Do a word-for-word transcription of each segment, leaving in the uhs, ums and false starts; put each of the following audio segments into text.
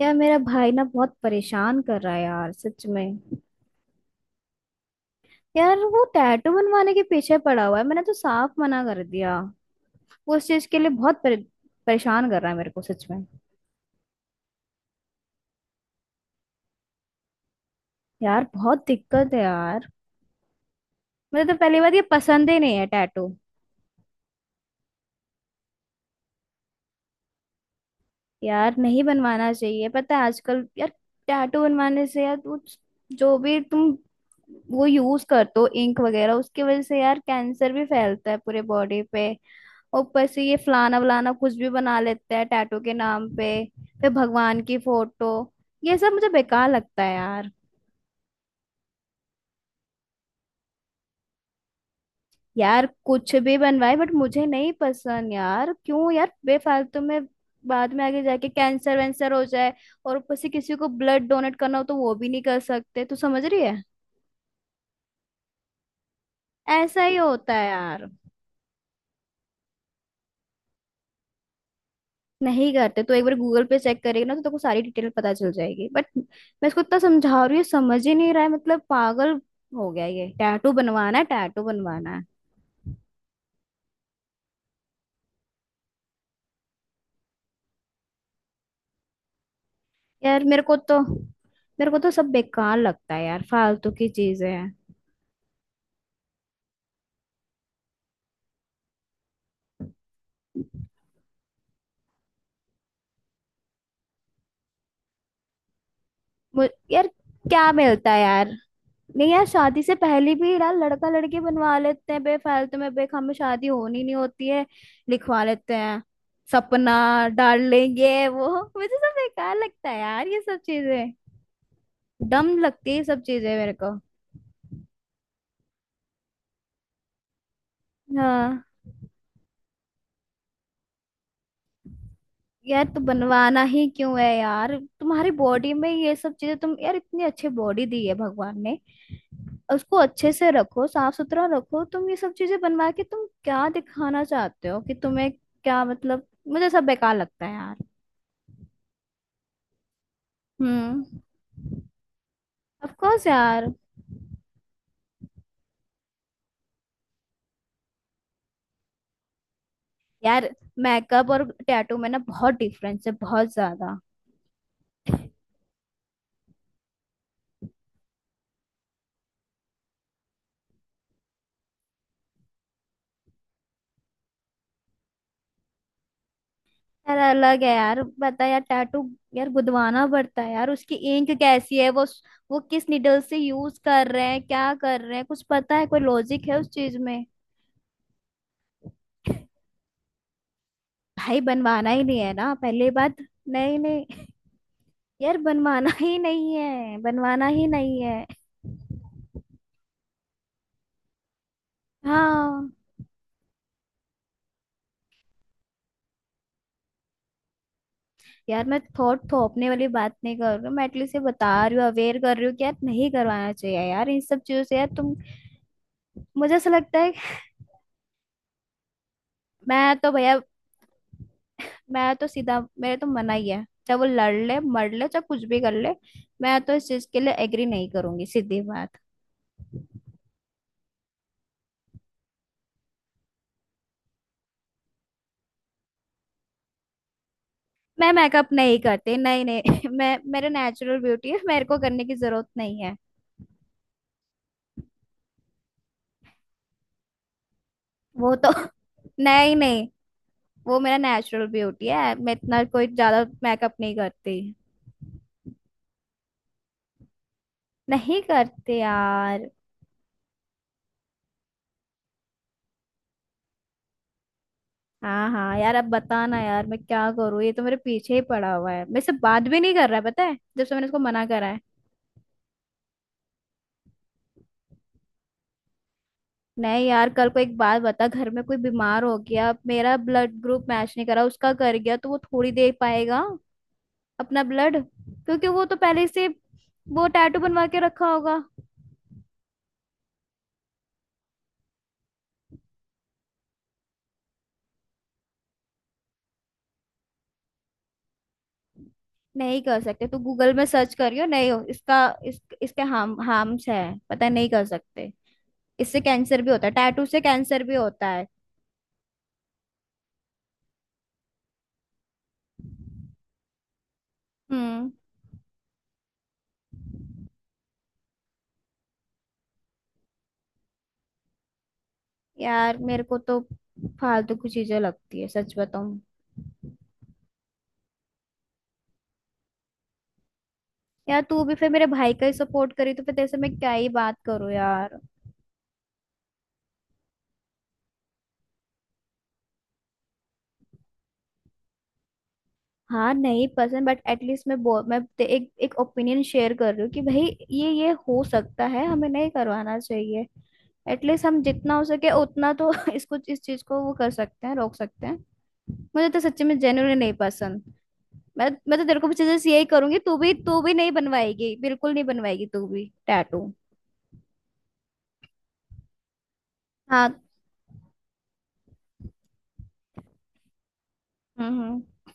यार मेरा भाई ना बहुत परेशान कर रहा है यार सच में। यार वो टैटू बनवाने के पीछे पड़ा हुआ है, मैंने तो साफ मना कर दिया। वो उस चीज के लिए बहुत परे, परेशान कर रहा है मेरे को सच में। यार बहुत दिक्कत है यार, मुझे तो पहली बात ये पसंद ही नहीं है टैटू। यार नहीं बनवाना चाहिए, पता है आजकल यार टैटू बनवाने से यार वो, जो भी तुम वो यूज करते हो इंक वगैरह उसकी वजह से यार कैंसर भी फैलता है पूरे बॉडी पे। ऊपर से ये फलाना वलाना कुछ भी बना लेते हैं टैटू के नाम पे, फिर भगवान की फोटो। ये सब मुझे बेकार लगता है यार। यार कुछ भी बनवाए बट मुझे नहीं पसंद यार, क्यों यार बेफालतू में बाद में आगे जाके कैंसर वैंसर हो जाए। और ऊपर से किसी को ब्लड डोनेट करना हो तो वो भी नहीं कर सकते, तू समझ रही है। ऐसा ही होता है यार। नहीं करते, तो एक बार गूगल पे चेक करेगा ना तो तेको सारी डिटेल पता चल जाएगी। बट मैं इसको इतना समझा रही हूँ, समझ ही नहीं रहा है, मतलब पागल हो गया, ये टैटू बनवाना है टैटू बनवाना है। यार मेरे को तो मेरे को तो सब बेकार लगता है यार, फालतू की चीजें हैं। मु- यार क्या मिलता है यार। नहीं यार, शादी से पहले भी यार लड़का लड़की बनवा लेते हैं बेफालतू में, बेख हमें शादी होनी नहीं होती है लिखवा लेते हैं, सपना डाल लेंगे वो। मुझे सब बेकार लगता है यार, ये सब चीजें डम लगती है सब चीजें मेरे को। हाँ। यार तो बनवाना ही क्यों है यार तुम्हारी बॉडी में ये सब चीजें, तुम यार इतनी अच्छी बॉडी दी है भगवान ने, उसको अच्छे से रखो, साफ सुथरा रखो। तुम ये सब चीजें बनवा के तुम क्या दिखाना चाहते हो, कि तुम्हें क्या मतलब। मुझे सब बेकार लगता है यार। हम्म। ऑफ कोर्स यार। यार मेकअप और टैटू में ना बहुत डिफरेंस है, बहुत ज्यादा। यार अलग है यार, पता है यार टैटू यार गुदवाना पड़ता है यार, उसकी इंक कैसी है वो वो किस निडल से यूज कर रहे हैं, क्या कर रहे हैं, कुछ पता है, कोई लॉजिक है उस चीज में। भाई बनवाना ही नहीं है ना पहली बात। नहीं नहीं, यार बनवाना ही नहीं है, बनवाना ही नहीं है। हाँ। यार मैं थोट थोपने वाली बात नहीं कर रही हूँ, मैं एटलीस्ट ये बता रही हूँ, अवेयर कर रही हूँ कि यार नहीं करवाना चाहिए यार, इन सब चीजों से यार तुम, मुझे ऐसा लगता है। मैं तो भैया, मैं तो सीधा, मेरे तो मना ही है, चाहे वो लड़ ले मर ले चाहे कुछ भी कर ले, मैं तो इस चीज के लिए एग्री नहीं करूंगी, सीधी बात। मैं मेकअप नहीं करती, नहीं नहीं मैं मेरा नेचुरल ब्यूटी है, मेरे को करने की जरूरत नहीं है। वो तो नहीं नहीं, वो मेरा नेचुरल ब्यूटी है, मैं इतना कोई ज्यादा मेकअप नहीं करती। नहीं करते यार। हाँ हाँ यार, अब बताना यार मैं क्या करूँ, ये तो मेरे पीछे ही पड़ा हुआ है, मेरे से बात भी नहीं कर रहा है, पता है, जब से मैंने उसको मना करा है। नहीं यार, कल को एक बात बता, घर में कोई बीमार हो गया, मेरा ब्लड ग्रुप मैच नहीं करा, उसका कर गया तो वो थोड़ी दे पाएगा अपना ब्लड, क्योंकि वो तो पहले से वो टैटू बनवा के रखा होगा। नहीं कर सकते, तू गूगल में सर्च करियो, नहीं हो इसका। इस, इसके हार्म हार्म्स है पता है, नहीं कर सकते। इससे कैंसर भी होता है, टैटू से कैंसर भी होता है। हम्म। यार मेरे को तो फालतू की चीजें लगती है, सच बताऊं। यार तू भी फिर मेरे भाई का ही सपोर्ट करी, तो फिर तेरे से मैं क्या ही बात करूं यार। हाँ नहीं पसंद, बट एटलीस्ट मैं बो मैं ते- एक एक ओपिनियन शेयर कर रही हूँ कि भाई ये ये हो सकता है, हमें नहीं करवाना चाहिए। एटलीस्ट हम जितना हो सके उतना तो इसको इस चीज को वो कर सकते हैं, रोक सकते हैं। मुझे तो सच्ची में जेन्युइनली नहीं पसंद। मैं मैं तो तेरे को भी सजेस्ट यही करूंगी, तू भी तू भी नहीं बनवाएगी, बिल्कुल नहीं बनवाएगी तू भी टैटू। हाँ। हम्म हम्म।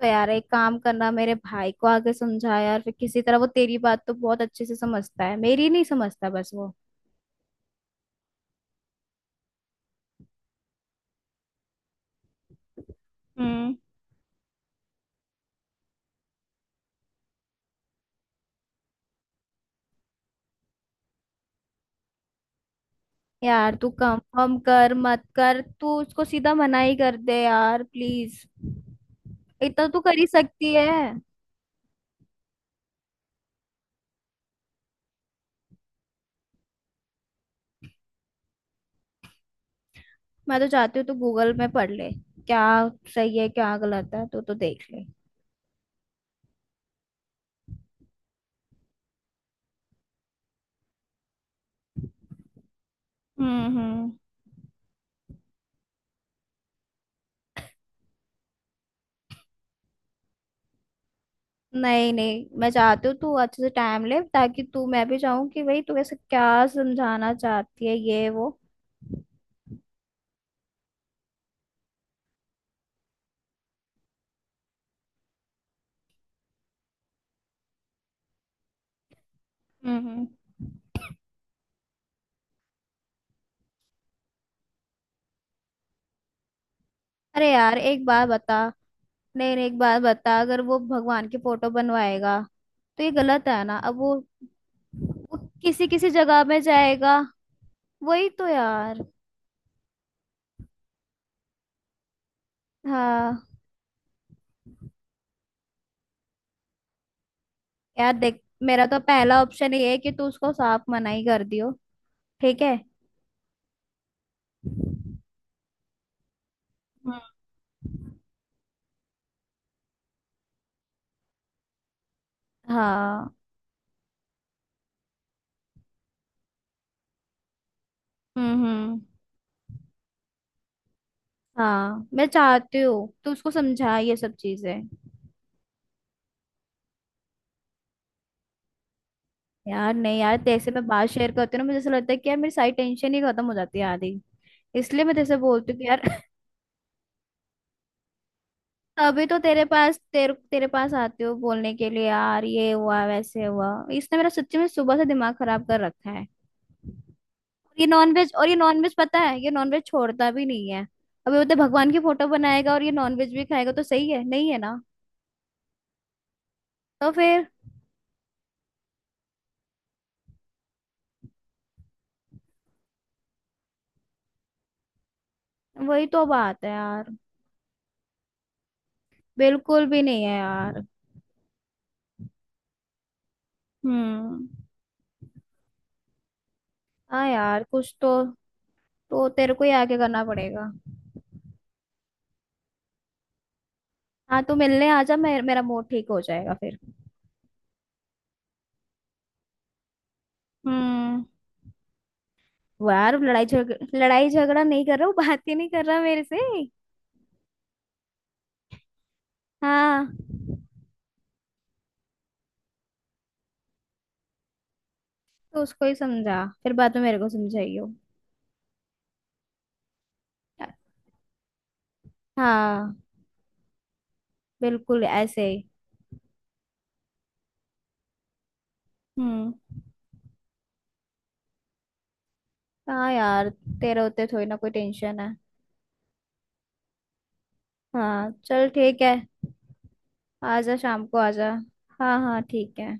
तो यार एक काम करना, मेरे भाई को आगे समझा यार फिर किसी तरह, वो तेरी बात तो बहुत अच्छे से समझता है, मेरी नहीं समझता बस वो। हम्म। यार तू कंफर्म कर मत कर, तू उसको सीधा मना ही कर दे यार प्लीज, इतना तू कर ही सकती है। मैं तो चाहती हूँ तू गूगल में पढ़ ले, क्या सही है क्या गलत है, तू तो देख ले। हम्म हम्म। नहीं नहीं, मैं चाहती हूँ तू अच्छे से टाइम ले, ताकि तू, मैं भी चाहूँ कि भाई तू ऐसे क्या समझाना चाहती है ये वो। हम्म हम्म। अरे यार एक बात बता, नहीं नहीं एक बात बता, अगर वो भगवान की फोटो बनवाएगा तो ये गलत है ना। अब वो वो किसी किसी जगह में जाएगा। वही तो यार। हाँ। यार देख, मेरा तो पहला ऑप्शन ये है कि तू उसको साफ मना ही कर दियो। ठीक है। हम्म। हाँ। हम्म हम्म। हाँ मैं चाहती हूँ तू उसको समझा ये सब चीजें। यार नहीं यार, तेरे से मैं बात शेयर करती हूँ ना, मुझे ऐसा लगता है कि यार मेरी सारी टेंशन ही खत्म हो जाती है आधी, इसलिए मैं तेरे से बोलती हूँ कि यार तभी तो तेरे पास, तेरे तेरे पास आती हूँ बोलने के लिए यार, ये हुआ वैसे हुआ, इसने मेरा सच्ची में सुबह से दिमाग खराब कर रखा है। ये नॉनवेज, और ये नॉनवेज पता है, ये नॉनवेज छोड़ता भी नहीं है। अभी बोलते भगवान की फोटो बनाएगा, और ये नॉनवेज भी खाएगा, तो सही है नहीं है ना। तो फिर वही तो बात है यार, बिल्कुल भी नहीं है यार। हम्म। हाँ यार कुछ तो तो तेरे को ही आगे करना पड़ेगा। हाँ तू मिलने आ जा, मेर, मेरा मूड ठीक हो जाएगा फिर। हम्म। वो यार लड़ाई झगड़ लड़ाई झगड़ा नहीं कर रहा, वो बात ही नहीं कर रहा मेरे से। हाँ। तो उसको ही समझा, फिर बाद में मेरे को समझाइयो। हाँ बिल्कुल ऐसे ही। हम्म। हाँ यार तेरे होते थोड़ी ना कोई टेंशन है। हाँ चल ठीक है। आजा शाम को आजा। हाँ हाँ ठीक है।